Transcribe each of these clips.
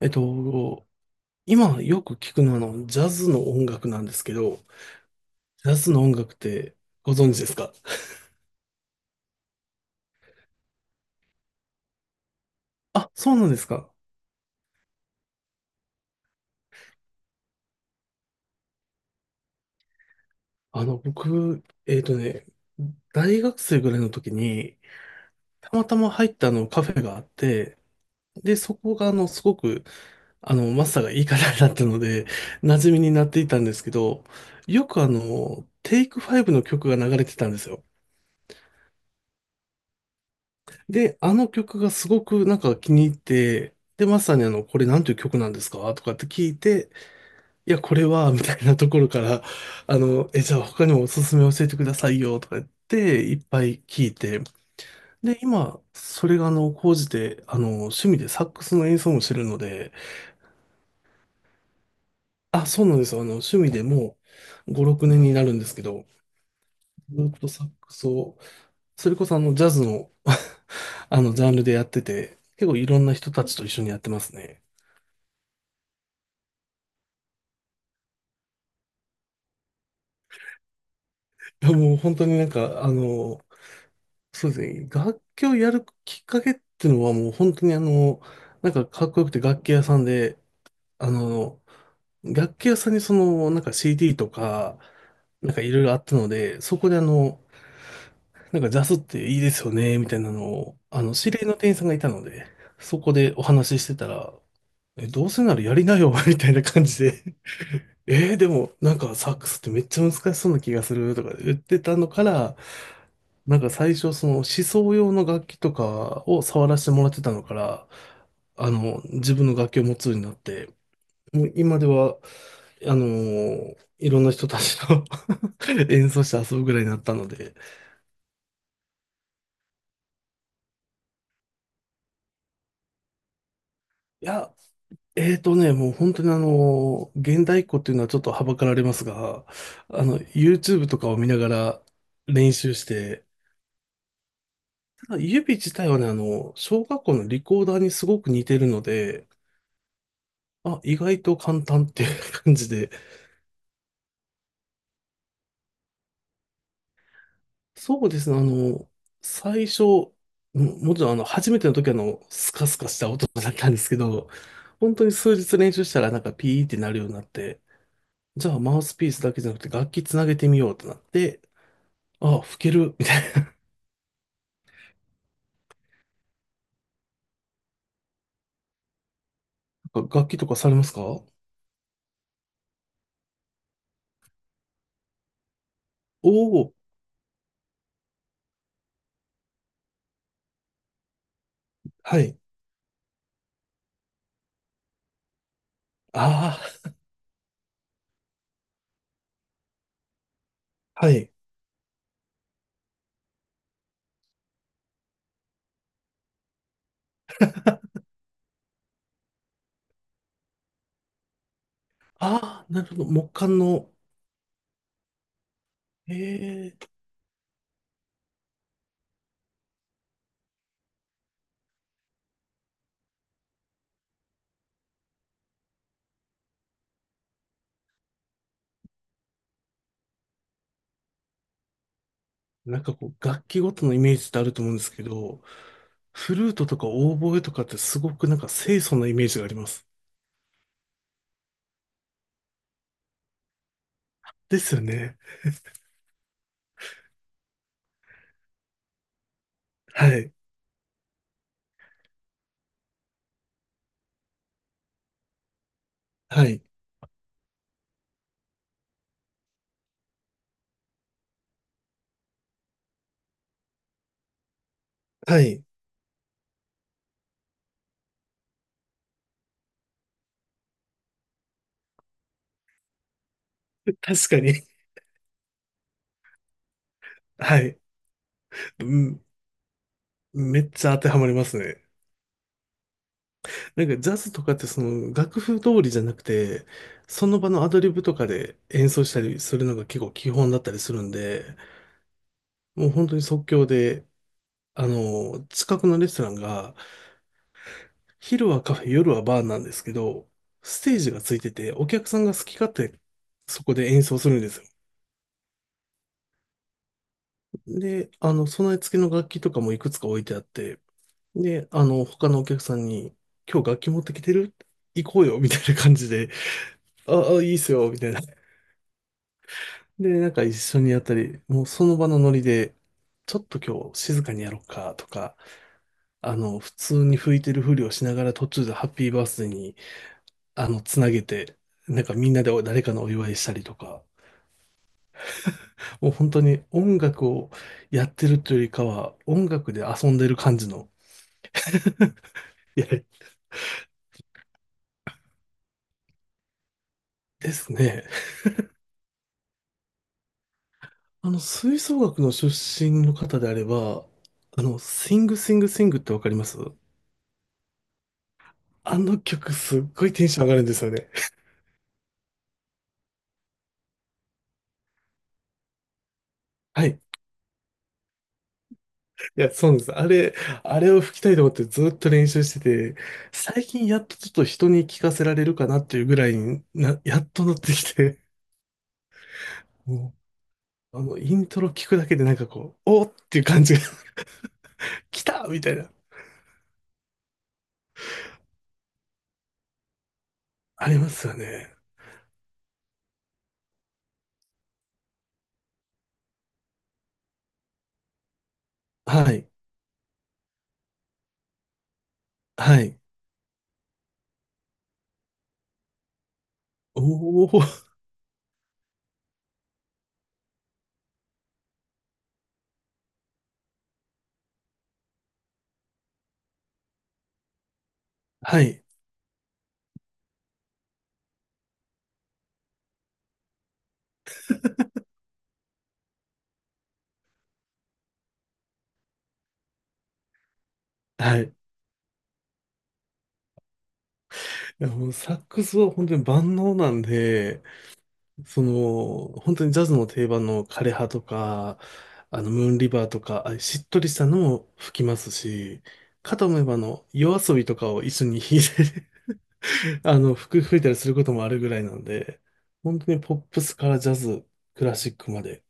えっと、今よく聞くのはジャズの音楽なんですけど、ジャズの音楽ってご存知ですか？あ、そうなんですか。僕、大学生ぐらいの時に、たまたま入ったあのカフェがあって、で、そこがすごく、マスターがいい方だったので、馴染みになっていたんですけど、よくテイクファイブの曲が流れてたんですよ。で、あの曲がすごくなんか気に入って、で、まさにこれなんていう曲なんですかとかって聞いて、いや、これは、みたいなところから、じゃあ他にもおすすめ教えてくださいよ、とか言って、いっぱい聞いて、で、今、それが高じて、趣味でサックスの演奏もしてるので、あ、そうなんですよ。趣味でもう5、6年になるんですけど、ずっとサックスを、それこそジャズの ジャンルでやってて、結構いろんな人たちと一緒にやってますね。いやもう本当になんか、そうですね、楽器をやるきっかけっていうのはもう本当になんかかっこよくて楽器屋さんで、あの、楽器屋さんにその、なんか CD とか、なんかいろいろあったので、そこでなんかジャズっていいですよね、みたいなのを、知り合いの店員さんがいたので、そこでお話ししてたら、どうせならやりなよ、みたいな感じで、でもなんかサックスってめっちゃ難しそうな気がするとか言ってたのから、なんか最初、その思想用の楽器とかを触らせてもらってたのから、自分の楽器を持つようになって、もう今では、いろんな人たちと 演奏して遊ぶぐらいになったので、いや、もう本当に現代っ子っていうのはちょっとはばかられますが、YouTube とかを見ながら練習して、ただ指自体はね、小学校のリコーダーにすごく似てるので、あ、意外と簡単っていう感じで、そうですね、最初、もちろん初めての時はスカスカした音だったんですけど、本当に数日練習したらなんかピーってなるようになって、じゃあマウスピースだけじゃなくて楽器つなげてみようってなって、ああ、吹ける、みたいな。楽器とかされますか？おおー、はい。ああ、はい。ああ、なるほど。木管の、ええ、なんかこう、楽器ごとのイメージってあると思うんですけど、フルートとかオーボエとかってすごくなんか清楚なイメージがあります。ですよね。はい。はい。はい。確かに。はい。うん。めっちゃ当てはまりますね。なんかジャズとかってその楽譜通りじゃなくて、その場のアドリブとかで演奏したりするのが結構基本だったりするんで、もう本当に即興で、近くのレストランが、昼はカフェ、夜はバーなんですけど、ステージがついてて、お客さんが好き勝手そこで演奏するんですよ。で、備え付けの楽器とかもいくつか置いてあって、で、他のお客さんに、今日楽器持ってきてる行こうよ、みたいな感じで、ああ、いいっすよ、みたいな。で、なんか一緒にやったり、もうその場のノリで、ちょっと今日静かにやろうか、とか、普通に吹いてるふりをしながら途中でハッピーバースデーに、つなげて、なんかみんなで誰かのお祝いしたりとか、もう本当に音楽をやってるというよりかは、音楽で遊んでる感じの、いや、ですね。吹奏楽の出身の方であれば、シングシングシングってわかりますあの曲すっごいテンション上がるんですよね。はい。いや、そうなんです。あれを吹きたいと思ってずっと練習してて、最近やっとちょっと人に聞かせられるかなっていうぐらいにな、やっとなってきて、もう、イントロ聞くだけでなんかこう、おーっていう感じが、来たみたいな、ありますよね。はい。はい。おー。はい。はい。いや、もうサックスは本当に万能なんで、その、本当にジャズの定番の枯葉とか、ムーンリバーとか、あしっとりしたのも吹きますし、かと思えば夜遊びとかを一緒に弾いて 吹いたりすることもあるぐらいなんで、本当にポップスからジャズ、クラシックまで、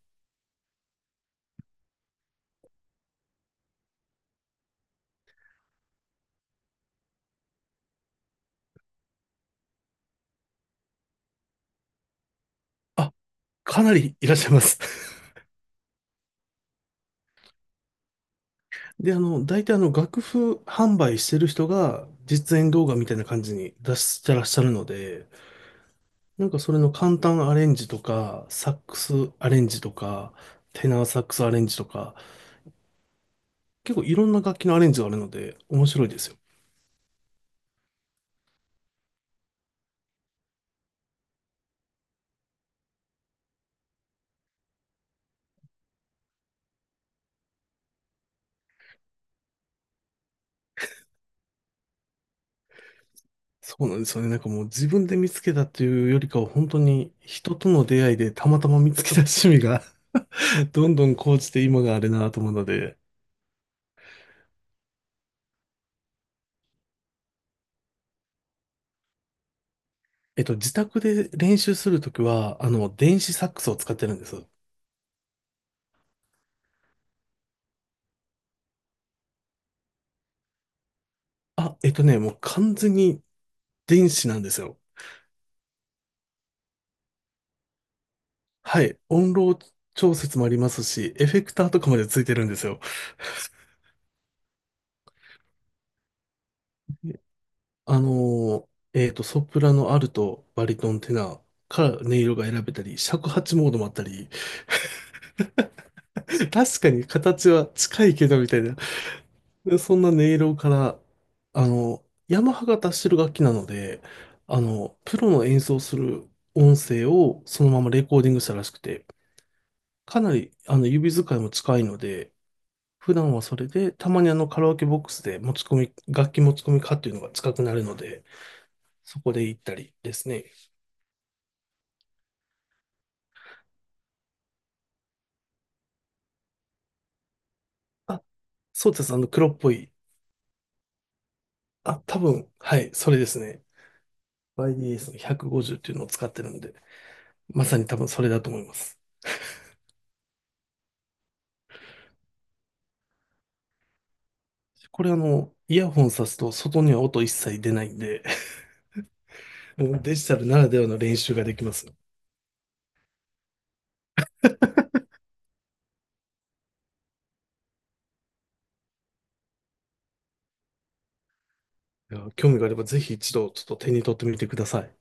あ、かなりいらっしゃいます。で、大体楽譜販売してる人が実演動画みたいな感じに出してらっしゃるので、なんかそれの簡単アレンジとか、サックスアレンジとか、テナーサックスアレンジとか、結構いろんな楽器のアレンジがあるので面白いですよ。そうなんですよね。なんかもう自分で見つけたっていうよりかは本当に人との出会いでたまたま見つけた趣味が どんどん高じて今があれなと思うので、自宅で練習するときは、電子サックスを使ってるんです。あ、もう完全に電子なんですよ。はい。音量調節もありますし、エフェクターとかまでついてるんですよ。あのソプラノ、アルト、バリトン、テナーから音色が選べたり、尺八モードもあったり、確かに形は近いけどみたいな、でそんな音色から、ヤマハが出してる楽器なので、プロの演奏する音声をそのままレコーディングしたらしくて、かなり指使いも近いので、普段はそれで、たまにあのカラオケボックスで持ち込み、楽器持ち込みかっていうのが近くなるので、そこで行ったりですね。あ、そうです。黒っぽい。あ、多分、はい、それですね。YDS の150っていうのを使ってるんで、まさに多分それだと思います。これイヤホンさすと外には音一切出ないんで、もうデジタルならではの練習ができますよ。いや興味があればぜひ一度ちょっと手に取ってみてください。